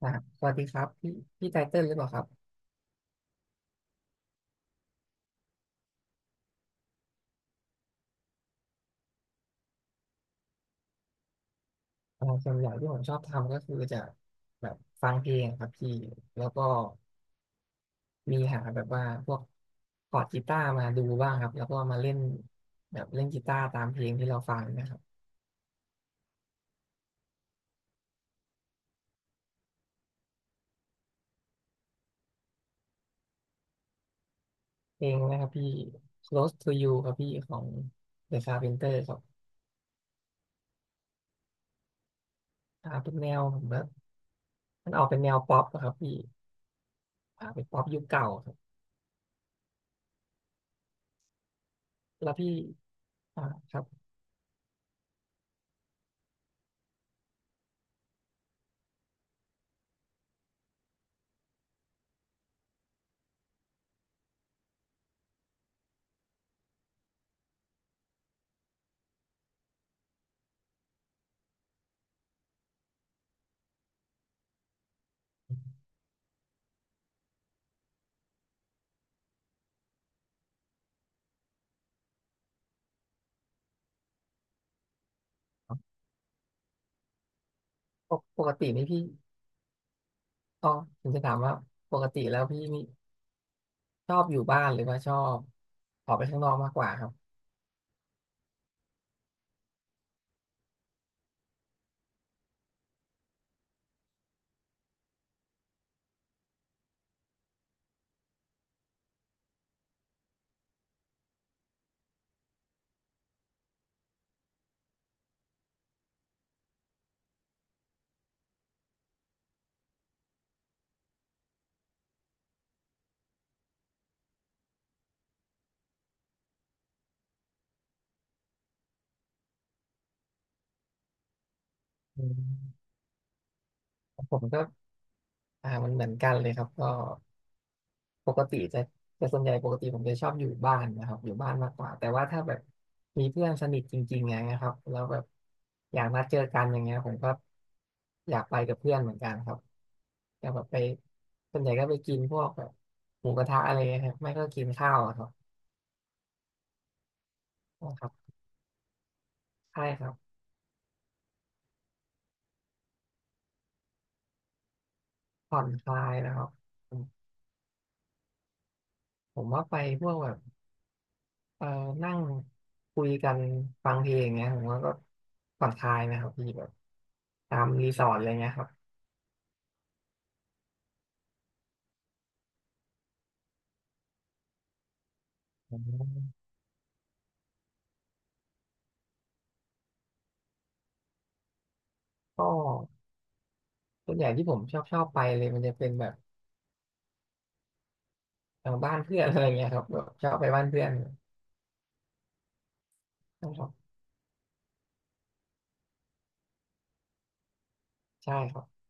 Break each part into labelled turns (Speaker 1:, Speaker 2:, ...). Speaker 1: อ่าสวัสดีครับพี่พี่ไตเติ้ลหรือเปล่าครับส่วนใหญ่ที่ผมชอบทำก็คือจะแบบฟังเพลงครับพี่แล้วก็มีหาแบบว่าพวกคอร์ดกีตาร์มาดูบ้างครับแล้วก็มาเล่นแบบเล่นกีตาร์ตามเพลงที่เราฟังนะครับเพลงนะครับพี่ Close to You ครับพี่ของ The Carpenter ครับเป็นแนวผมว่ามันออกเป็นแนวป๊อปอะครับพี่เป็นป๊อปยุคเก่าครับแล้วพี่อ่าครับปกตินี่พี่อ๋อผมจะถามว่าปกติแล้วพี่มี ชอบอยู่บ้านหรือว่าชอบออกไปข้างนอกมากกว่าครับอืมผมก็มันเหมือนกันเลยครับก็ปกติจะแต่ส่วนใหญ่ปกติผมจะชอบอยู่บ้านนะครับอยู่บ้านมากกว่าแต่ว่าถ้าแบบมีเพื่อนสนิทจริงๆอย่างเงี้ยครับแล้วแบบอยากนัดเจอกันอย่างเงี้ยผมก็อยากไปกับเพื่อนเหมือนกันครับอยากแบบไปส่วนใหญ่ก็ไปกินพวกแบบหมูกระทะอะไรเงี้ยครับไม่ก็กินข้าวอะครับอ๋ครับใช่ครับผ่อนคลายนะครับผมว่าไปพวกแบบ เอ่อนั่งคุยกันฟังเพลงเงี้ยผมว่าก็ผ่อนคลายนะครับพี่แบบตามรีสอร์ทอะไรเงี้ยครับอมก็ส่วนใหญ่ที่ผมชอบไปเลยมันจะเป็นแบบบ้านเพื่อนอะไรเงี้ยครับแบบชอบไปบ้านเพื่อนชอบใช่ครับ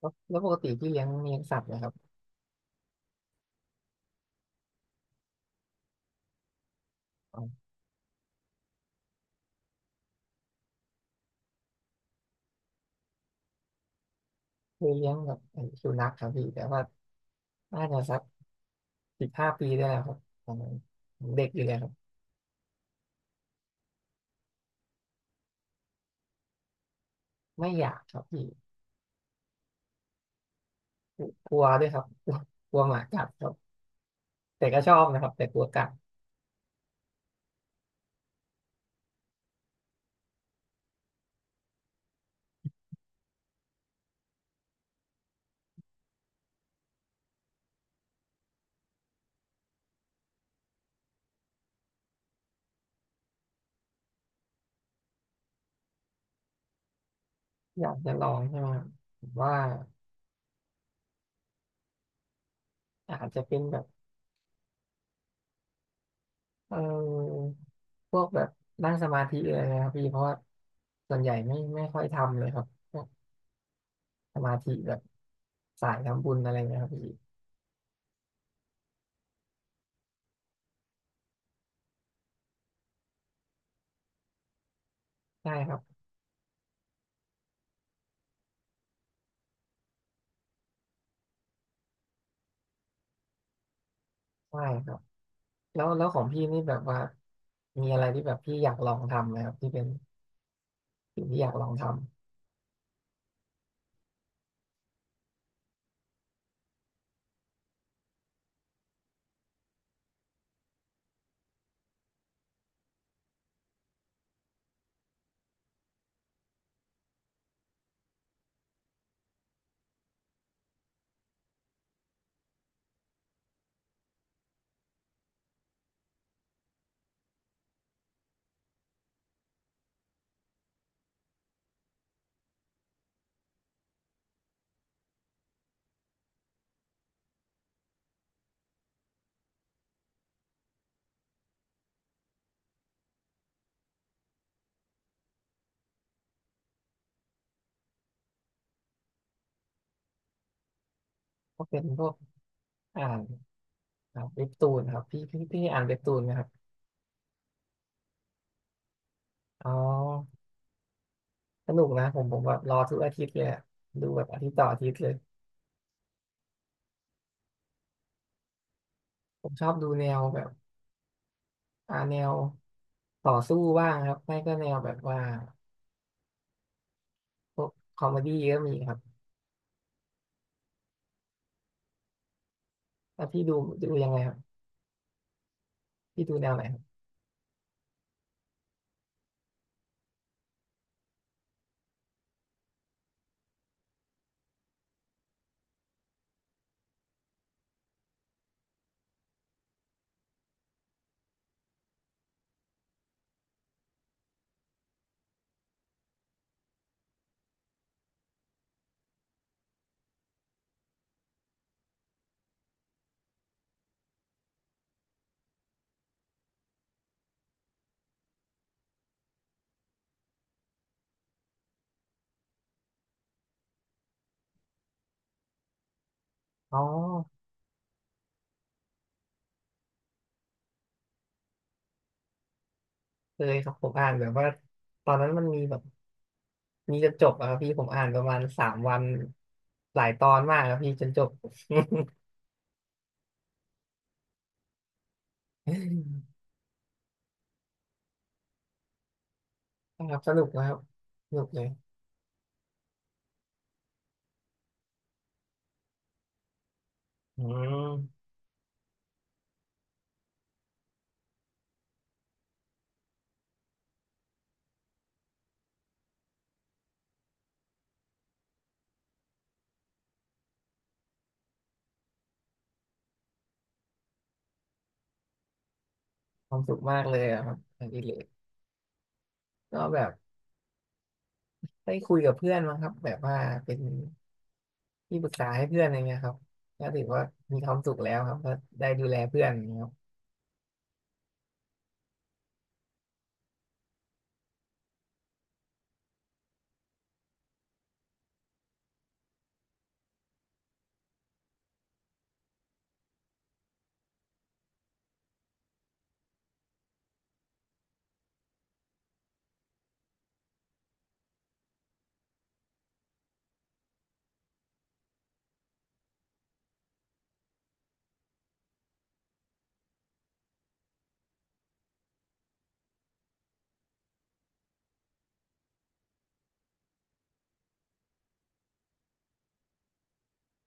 Speaker 1: แล้วแล้วปกติพี่เลี้ยงสัตว์ไหมครับอ๋อเคยเลี้ยงแบบไอ้สุนัขครับพี่แต่ว่าน่าจะสัก15 ปีได้แล้วครับตอนนั้นเด็กอยู่เลยครับไม่อยากครับพี่กลัวด้วยครับกลัวกลัวหมากัดครับแต่ก็ชอบนะครับแต่กลัวกัด อยากจะลองใช่ไหมครับผมว่าอาจจะเป็นแบบเออพวกแบบนั่งสมาธิอะไรนะครับพี่เพราะว่าส่วนใหญ่ไม่ค่อยทำเลยครับพวกสมาธิแบบสายทำบุญอะไรเงี้ยครับพี่ใช่ครับใช่ครับแล้วแล้วของพี่นี่แบบว่ามีอะไรที่แบบพี่อยากลองทำไหมครับที่เป็นสิ่งที่อยากลองทำก็เป็นพวกอ่านเว็บตูนครับพี่พี่อ่านเว็บตูนไหมครับอ๋อสนุกนะผมแบบรอทุกอาทิตย์เลยอะดูแบบอาทิตย์ต่ออาทิตย์เลย ผมชอบดูแนวแบบแนวต่อสู้บ้างครับไม่ก็แนวแบบว่าพวกคอมเมดี้ก็มีครับแล้วพี่ดูยังไงครับพี่ดูแนวไหนครับอ๋อเคยครับผมอ่านแบบว่าตอนนั้นมันมีแบบมีจนจบอะครับพี่ผมอ่านประมาณสามวันหลายตอนมากครับพี่จนจบ ครับสนุกนะครับสนุกเลยอืมความสุขมากเลยอะครับอันนี้เลยก็แบบได้คุยกับเพื่อนมั้งครับแบบว่าเป็น ที่ปรึกษาให้เพื่อนอะไรเงี้ยครับก็ถือว่ามีความสุขแล้วครับก็ได้ดูแลเพื่อนอย่างเงี้ยครับ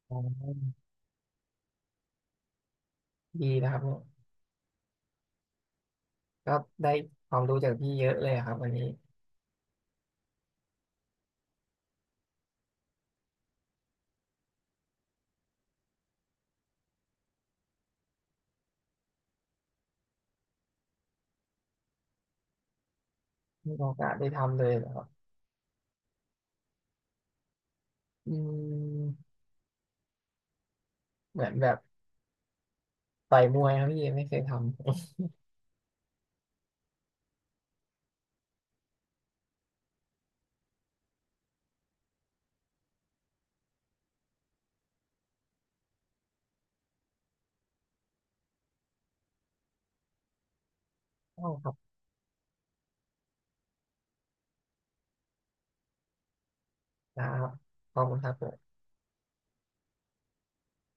Speaker 1: อ๋อดีนะครับเนี่ยก็ได้ความรู้จากพี่เยอะเลยอะครับวันนี้มีโอกาสได้ทำเลยเหรอครับอืมเหมือนแบบต่อยมวยครับพี่ไม่เคยทำ อ๋อครับนะครับขอบคุณครับผม